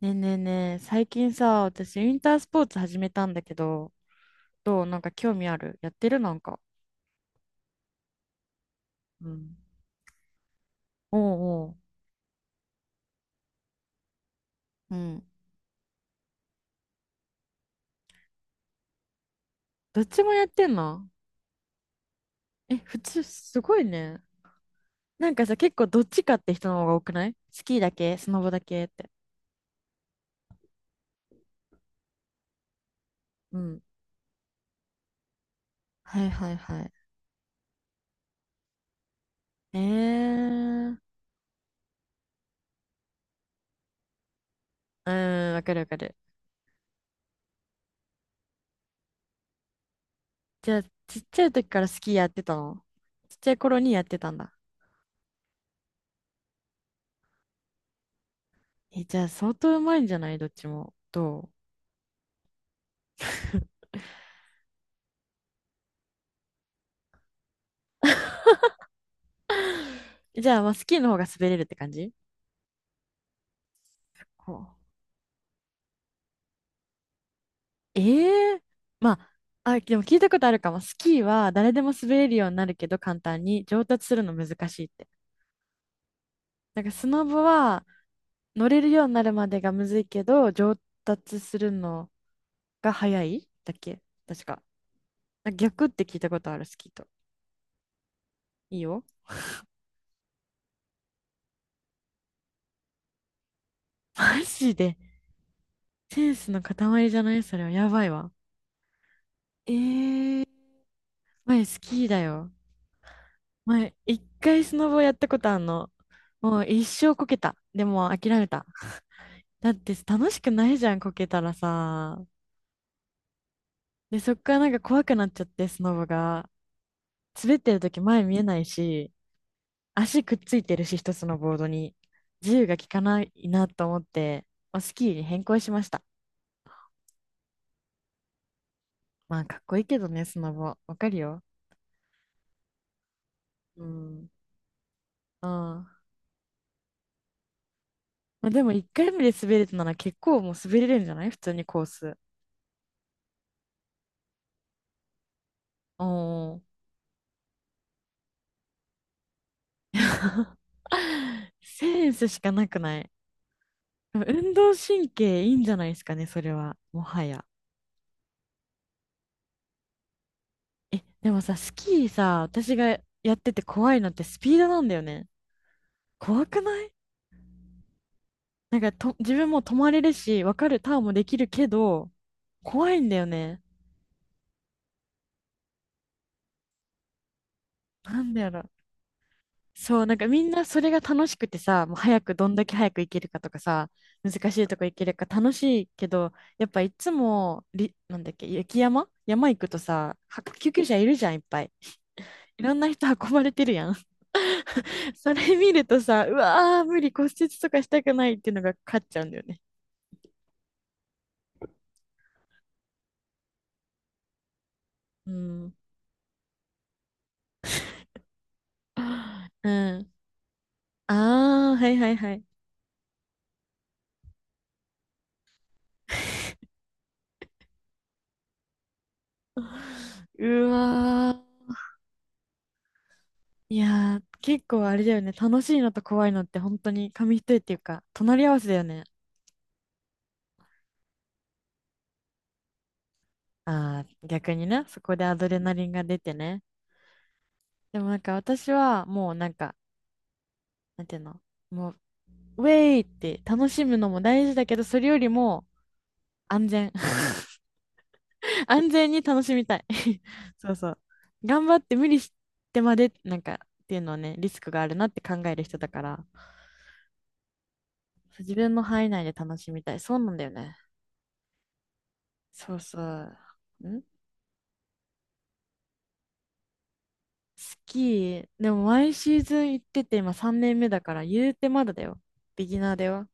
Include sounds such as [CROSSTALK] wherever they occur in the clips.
ねえねえねえ、最近さ、私、ウィンタースポーツ始めたんだけど、どうなんか興味あるやってるなんか。うん。おうおう。うん。どっちもやってんの？え、普通、すごいね。なんかさ、結構どっちかって人の方が多くないスキーだけスノボだけって。うん。はいはいはい。えー。うん、わかるわかる。じゃあ、ちっちゃい時からスキーやってたの？ちっちゃい頃にやってたんだ。え、じゃあ、相当うまいんじゃない？どっちも。どうじゃあ、まあ、スキーの方が滑れるって感じ？こうええまあ、あ、でも聞いたことあるかも。スキーは誰でも滑れるようになるけど簡単に上達するの難しいって。なんかスノボは乗れるようになるまでがむずいけど上達するのが早いだっけ確か。なんか逆って聞いたことあるスキーと。いいよ。[LAUGHS] マジで。センスの塊じゃない？それはやばいわ。えー、前スキーだよ。前一回スノボやったことあんの。もう一生こけた。でも諦めた。だって楽しくないじゃん、こけたらさ。で、そっから怖くなっちゃって、スノボが。滑ってる時前見えないし、足くっついてるし、一つのボードに。自由が利かないなと思って、まあスキーに変更しました。まあ、かっこいいけどね、スノボ。わかるよ。うん。ああ。まあ、でも、一回目で滑れたなら結構もう滑れるんじゃない？普通にコース。おー。[LAUGHS] センスしかなくない？でも運動神経いいんじゃないですかね、それは。もはや。え、でもさ、スキーさ、私がやってて怖いのってスピードなんだよね。怖くない？なんかと、自分も止まれるし、わかるターンもできるけど、怖いんだよね。なんだやろ。そう、みんなそれが楽しくてさ、もう早くどんだけ早く行けるかとかさ、難しいとこ行けるか楽しいけど、やっぱいつも、り、なんだっけ、雪山行くとさ、は救急車いるじゃん、いっぱい。いろんな人運ばれてるやん。[LAUGHS] それ見るとさ、うわー、無理、骨折とかしたくないっていうのが勝っちゃうんだよね。うん。うん。ああ、はいはいはい。うわー。いやー、結構あれだよね。楽しいのと怖いのって本当に紙一重っていうか、隣り合わせだよね。ああ、逆にね、そこでアドレナリンが出てね。でも私はもう、なんていうの、もう、ウェイって楽しむのも大事だけど、それよりも安全。[LAUGHS] 安全に楽しみたい。[LAUGHS] そうそう。頑張って無理してまで、なんか、っていうのはね、リスクがあるなって考える人だから、そう自分の範囲内で楽しみたい。そうなんだよね。そうそう。んスキー、でも毎シーズン行ってて、今3年目だから、言うてまだだよ。ビギナーだよ。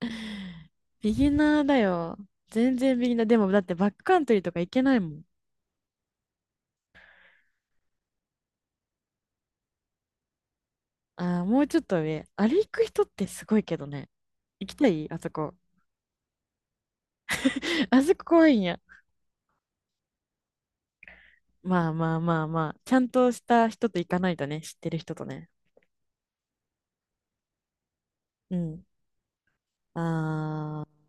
[LAUGHS] ビギナーだよ。全然ビギナー。でも、だってバックカントリーとか行けないもん。ああ、もうちょっと上。あれ行く人ってすごいけどね。行きたいあそこ。[LAUGHS] あそこ怖いんや。まあまあまあまあ、ちゃんとした人と行かないとね、知ってる人とね。うん。ああ、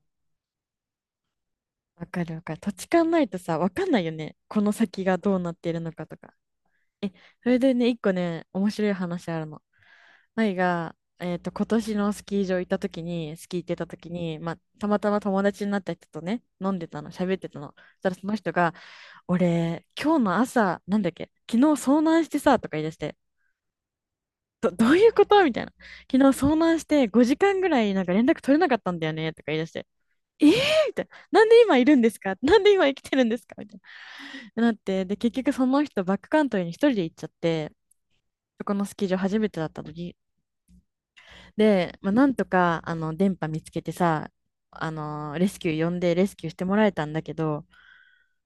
わかるわかる。土地勘ないとさ、わかんないよね。この先がどうなっているのかとか。え、それでね、一個ね、面白い話あるの。舞が、今年のスキー場行った時に、スキー行ってた時に、まあ、たまたま友達になった人とね、飲んでたの、喋ってたの。そしたらその人が、俺、今日の朝、なんだっけ、昨日遭難してさ、とか言い出して、どういうことみたいな。昨日遭難して5時間ぐらい連絡取れなかったんだよねとか言い出して、えーみたいな。なんで今いるんですか？なんで今生きてるんですか？みたいな。なって、で、結局その人バックカントリーに一人で行っちゃって、そこのスキー場初めてだった時。で、まあ、なんとか、電波見つけてさ、レスキュー呼んでレスキューしてもらえたんだけど、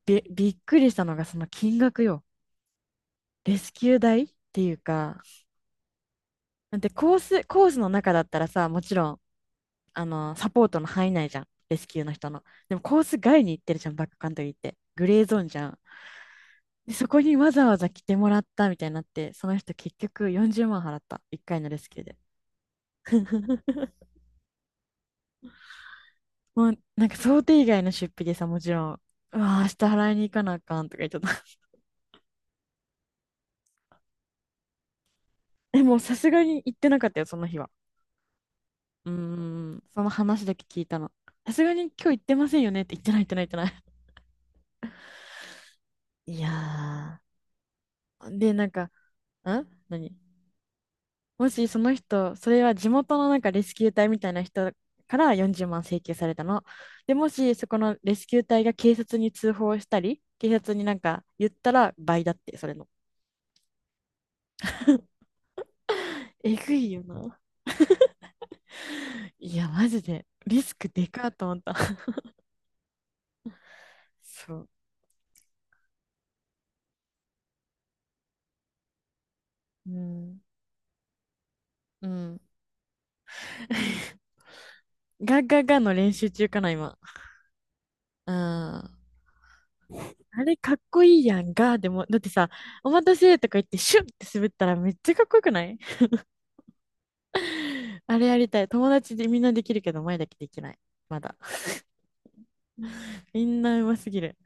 びっくりしたのがその金額よ。レスキュー代っていうか、だってコースの中だったらさ、もちろん、サポートの範囲内じゃん。レスキューの人の。でもコース外に行ってるじゃん、バックカントリーって。グレーゾーンじゃん。で、そこにわざわざ来てもらったみたいになって、その人結局40万払った。1回のレスキューで。[LAUGHS] もう想定以外の出費でさ、もちろん、うわー、明日払いに行かなあかんとか言っちゃった。[LAUGHS] でもさすがに行ってなかったよ、その日は。うーん、その話だけ聞いたの。さすがに今日行ってませんよねって言ってない、言ってない、言ってない。[LAUGHS] いやー。で、なんか、ん何もしその人、それは地元のなんかレスキュー隊みたいな人から40万請求されたの。で、もしそこのレスキュー隊が警察に通報したり、警察になんか言ったら倍だって、それの。えぐいよな。いや、マジで。リスクでかーと思った。[LAUGHS] そう。うん。うん。[LAUGHS] ガガガの練習中かな、今。うん。あれかっこいいやん、ガーでも。だってさ、お待たせとか言ってシュッって滑ったらめっちゃかっこよくない？ [LAUGHS] あれやりたい。友達でみんなできるけど、前だけできない。まだ。[LAUGHS] みんなうますぎる。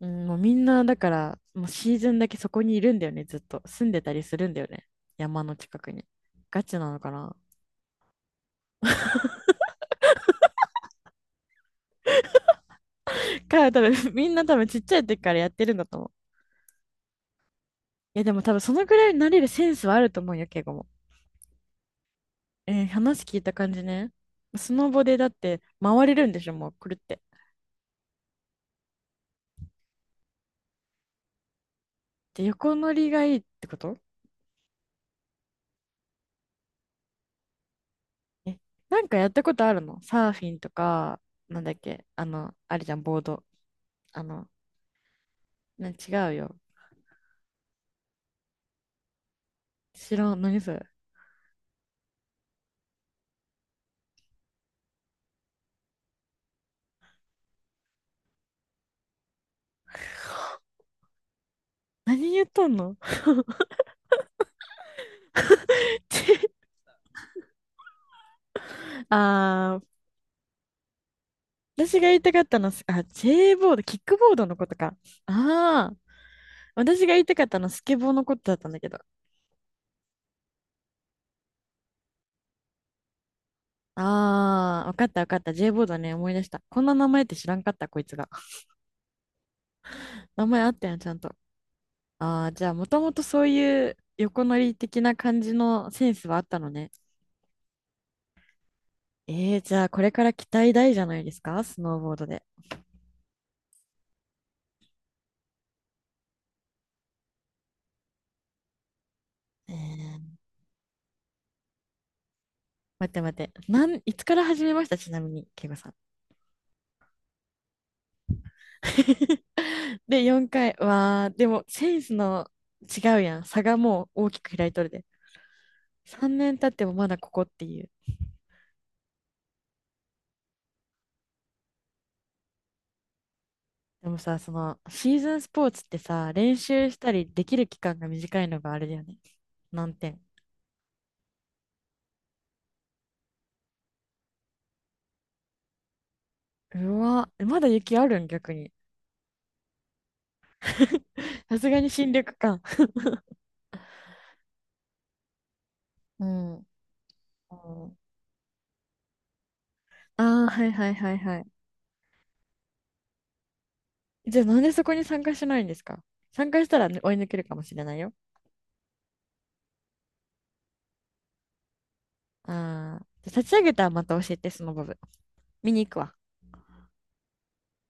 うん、もうみんな、だから、もうシーズンだけそこにいるんだよね、ずっと。住んでたりするんだよね。山の近くに。ガチなのかな。か、多分、[LAUGHS] みんな多分ちっちゃい時からやってるんだと思う。いや、でも多分そのくらいになれるセンスはあると思うよ、敬語も。えー話聞いた感じね。スノボでだって回れるんでしょ、もうくるって。で、横乗りがいいってこと？え、なんかやったことあるのサーフィンとか、なんだっけあの、あれじゃん、ボード。あの、違うよ。知らん。何それ。何言っとんの？ [LAUGHS] あー、私が言いたかったの、あ、J ボード、キックボードのことか。あー、私が言いたかったの、スケボーのことだったんだけど。あー、わかったわかった。J ボードね、思い出した。こんな名前って知らんかった、こいつが。名前あったやん、ちゃんと。あー、じゃあ、もともとそういう横乗り的な感じのセンスはあったのね。えー、じゃあ、これから期待大じゃないですかスノーボードで。えー、待って待って。なん、いつから始めましたちなみに、ケイゴさん。[LAUGHS] で、4回。わー、でも、センスの違うやん。差がもう大きく開いとるで。3年経ってもまだここっていう。でもさ、その、シーズンスポーツってさ、練習したりできる期間が短いのがあれだよね。難点。うわ、まだ雪あるん逆に。[LAUGHS] さすがに新緑か。うん。ああー、はいはいはいはい。じゃあなんでそこに参加しないんですか？参加したらね追い抜けるかもしれないよ。ああ。じゃあ立ち上げたらまた教えて、その部分。見に行くわ。